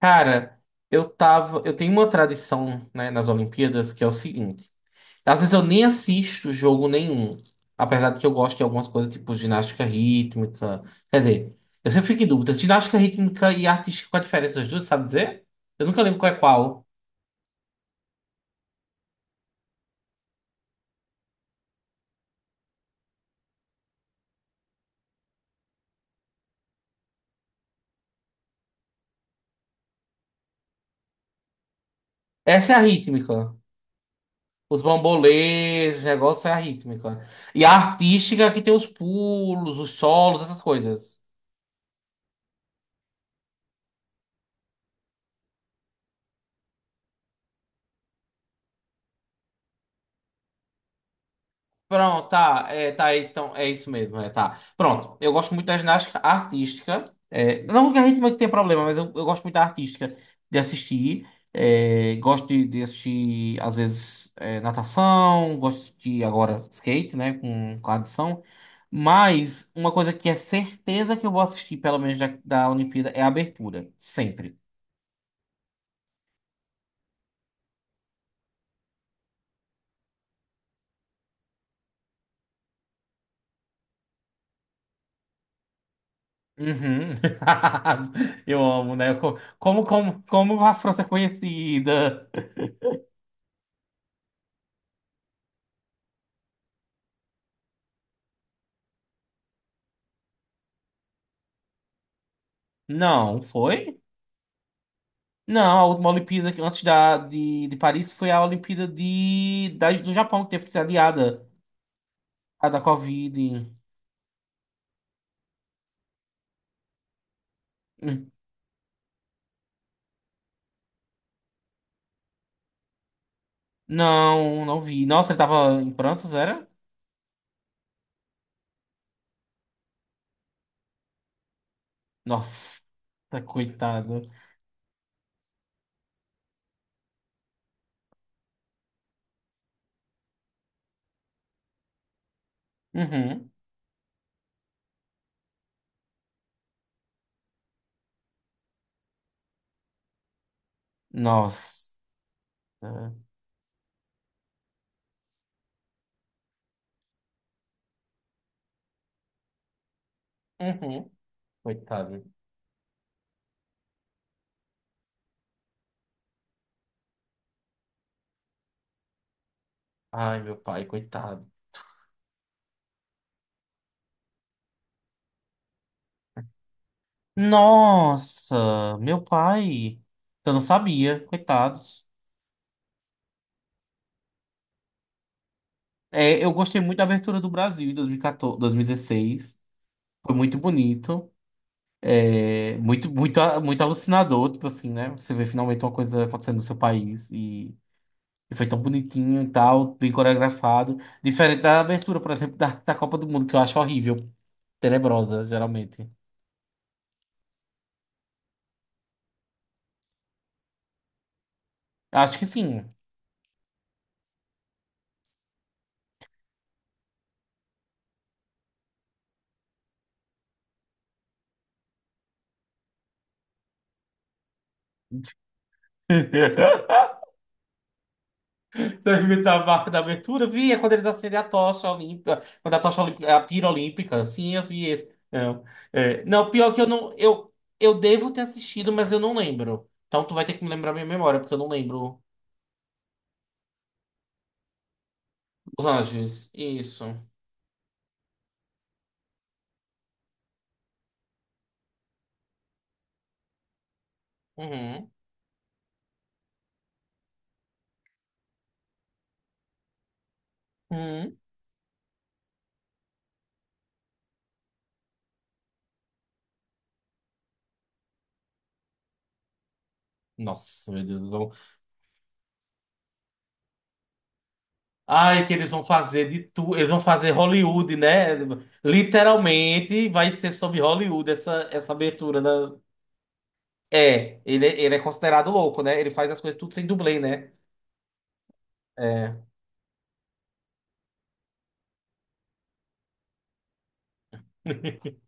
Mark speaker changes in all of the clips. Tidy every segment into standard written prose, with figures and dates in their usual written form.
Speaker 1: Cara, eu tava. eu tenho uma tradição, né, nas Olimpíadas que é o seguinte. Às vezes eu nem assisto jogo nenhum. Apesar de que eu gosto de algumas coisas tipo ginástica rítmica. Quer dizer, eu sempre fico em dúvida. Ginástica rítmica e artística, qual a diferença das duas, sabe dizer? Eu nunca lembro qual é qual. Essa é a rítmica. Os bambolês, os negócios é a rítmica. E a artística é que tem os pulos, os solos, essas coisas. Pronto, tá, é isso, então, é isso mesmo, é, tá. Pronto, eu gosto muito da ginástica artística, é, não que a gente não tenha problema, mas eu gosto muito da artística, de assistir, é, gosto de assistir, às vezes, é, natação, gosto de, agora, skate, né, com a adição, mas uma coisa que é certeza que eu vou assistir, pelo menos da Olimpíada, é a abertura, sempre. Uhum. Eu amo, né, como a França é conhecida... Não, foi? Não, a última Olimpíada que antes de Paris foi a Olimpíada do Japão, que teve que ser adiada, a da Covid. Hum. Não, não vi. Nossa, ele tava em prantos, era? Nossa, coitado. Uhum. Nossa. Uhum. Coitado. Ai, meu pai, coitado. Nossa, meu pai. Eu não sabia, coitados. É, eu gostei muito da abertura do Brasil em 2016. Foi muito bonito, é, muito, muito, muito alucinador, tipo assim, né? Você vê finalmente uma coisa acontecendo no seu país e foi tão bonitinho e tal, bem coreografado. Diferente da abertura, por exemplo, da Copa do Mundo, que eu acho horrível, tenebrosa, geralmente. Acho que sim. Da, da marca da abertura, vi, é quando eles acendem a tocha olímpica, quando a tocha olímpica, a pira olímpica, sim, eu vi esse. Não, é, não, pior que eu não, eu devo ter assistido, mas eu não lembro. Então tu vai ter que me lembrar minha memória, porque eu não lembro. Os Anjos. Isso. Uhum. Uhum. Nossa, meu Deus, vão... Ai, que eles vão fazer de tudo, eles vão fazer Hollywood, né? Literalmente vai ser sobre Hollywood essa, essa abertura da... É, ele, é, ele é considerado louco, né? Ele faz as coisas tudo sem dublê, né? É.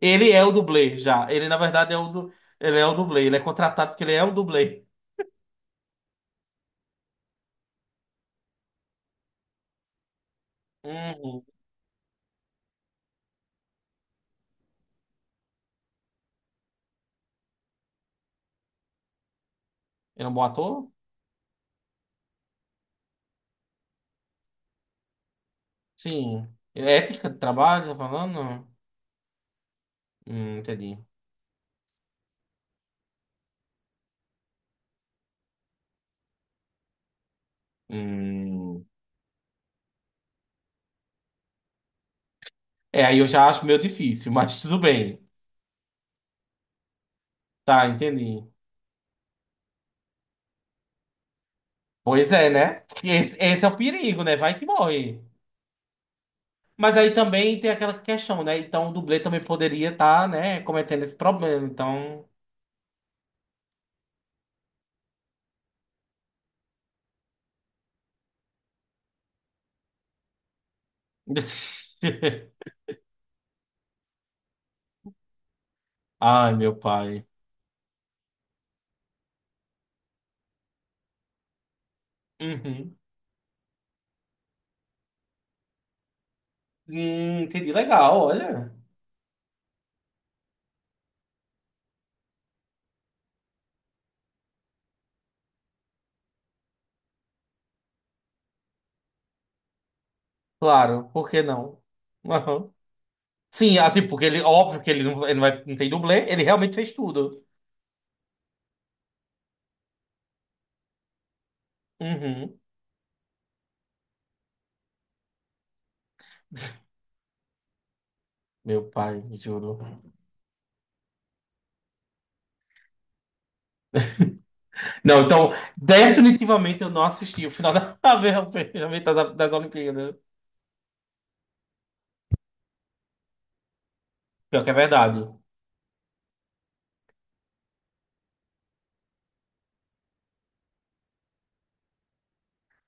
Speaker 1: Ele é o dublê já. Ele, na verdade, é o du... ele é o dublê. Ele é contratado porque ele é o dublê. Uhum. Ele é um bom ator? Sim. É ética de trabalho, tá falando? Entendi. Hum. É, aí eu já acho meio difícil, mas tudo bem. Tá, entendi. Pois é, né? Esse é o perigo, né? Vai que morre. Mas aí também tem aquela questão, né? Então o dublê também poderia estar, né, cometendo esse problema. Então. Ai, meu pai. Uhum. Entendi. Legal, olha. Claro, por que não? Aham. Sim, ah, tipo, que ele, óbvio que ele não, vai, não tem dublê, ele realmente fez tudo. Uhum. Meu pai, juro. Não, então, definitivamente eu não assisti o final da, da- da- das Olimpíadas. Pior que é verdade.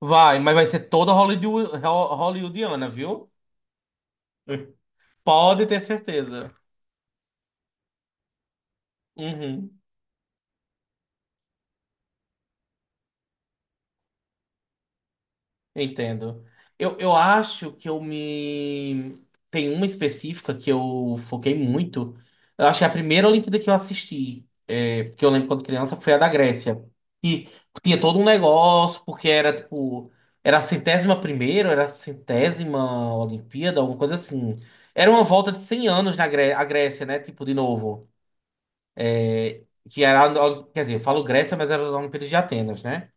Speaker 1: Vai, mas vai ser toda Hollywood, ho- hollywoodiana, viu? Pode ter certeza. Uhum. Entendo. Eu acho que eu me. Tem uma específica que eu foquei muito. Eu acho que a primeira Olimpíada que eu assisti, é, porque eu lembro quando criança, foi a da Grécia. E tinha todo um negócio, porque era tipo. Era a 101ª, era a 100ª Olimpíada, alguma coisa assim. Era uma volta de 100 anos na Gré a Grécia, né? Tipo, de novo. Que era. A- Quer dizer, eu falo Grécia, mas era as Olimpíadas de Atenas, né?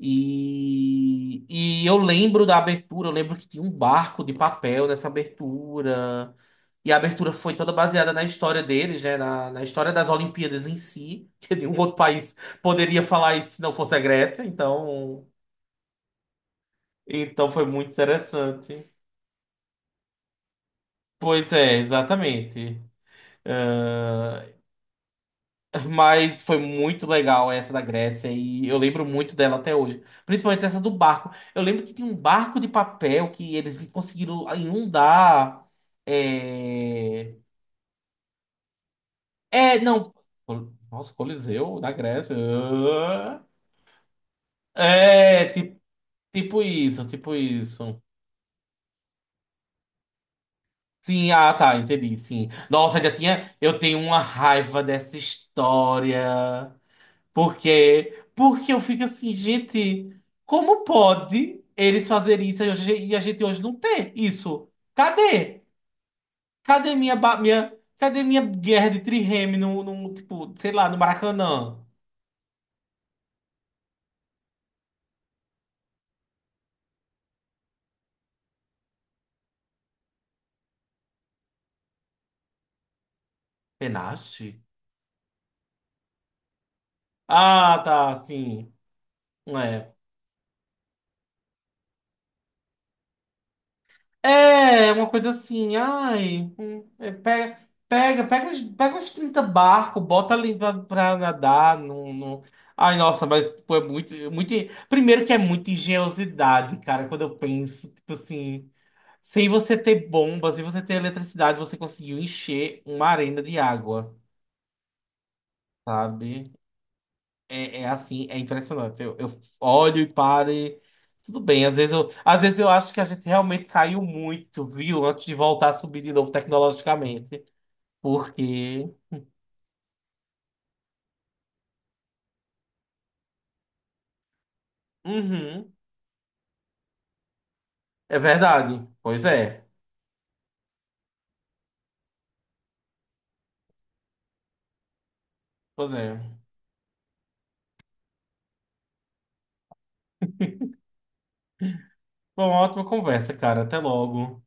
Speaker 1: E eu lembro da abertura, eu lembro que tinha um barco de papel nessa abertura. E a abertura foi toda baseada na história deles, né? Na história das Olimpíadas em si, que nenhum outro país poderia falar isso se não fosse a Grécia. Então, então foi muito interessante. Pois é, exatamente. Ah, mas foi muito legal essa da Grécia e eu lembro muito dela até hoje. Principalmente essa do barco. Eu lembro que tem um barco de papel que eles conseguiram inundar. É, é não. Col- Nossa, Coliseu da Grécia. Ah. É, tipo, tipo isso, tipo isso. Sim, ah, tá, entendi, sim. Nossa, já tinha. Eu tenho uma raiva dessa história. Porque, porque eu fico assim, gente, como pode eles fazerem isso e hoje- e a gente hoje não ter isso? Cadê? Cadê minha, ba- minha, cadê minha guerra de trireme no, no, tipo, sei lá, no Maracanã? Penache? Ah, tá, sim. É. É, uma coisa assim, ai, é, pega, pega, pega uns 30 barcos, bota ali pra, pra nadar, não, não... Ai, nossa, mas, pô, é muito... Primeiro que é muita engenhosidade, cara, quando eu penso, tipo assim, sem você ter bomba, sem você ter eletricidade, você conseguiu encher uma arena de água, sabe? É, é assim, é impressionante. Eu olho e paro e tudo bem. Às vezes eu acho que a gente realmente caiu muito, viu? Antes de voltar a subir de novo tecnologicamente. Porque. Uhum. É verdade. Pois é. Pois é. Bom, ótima conversa, cara. Até logo.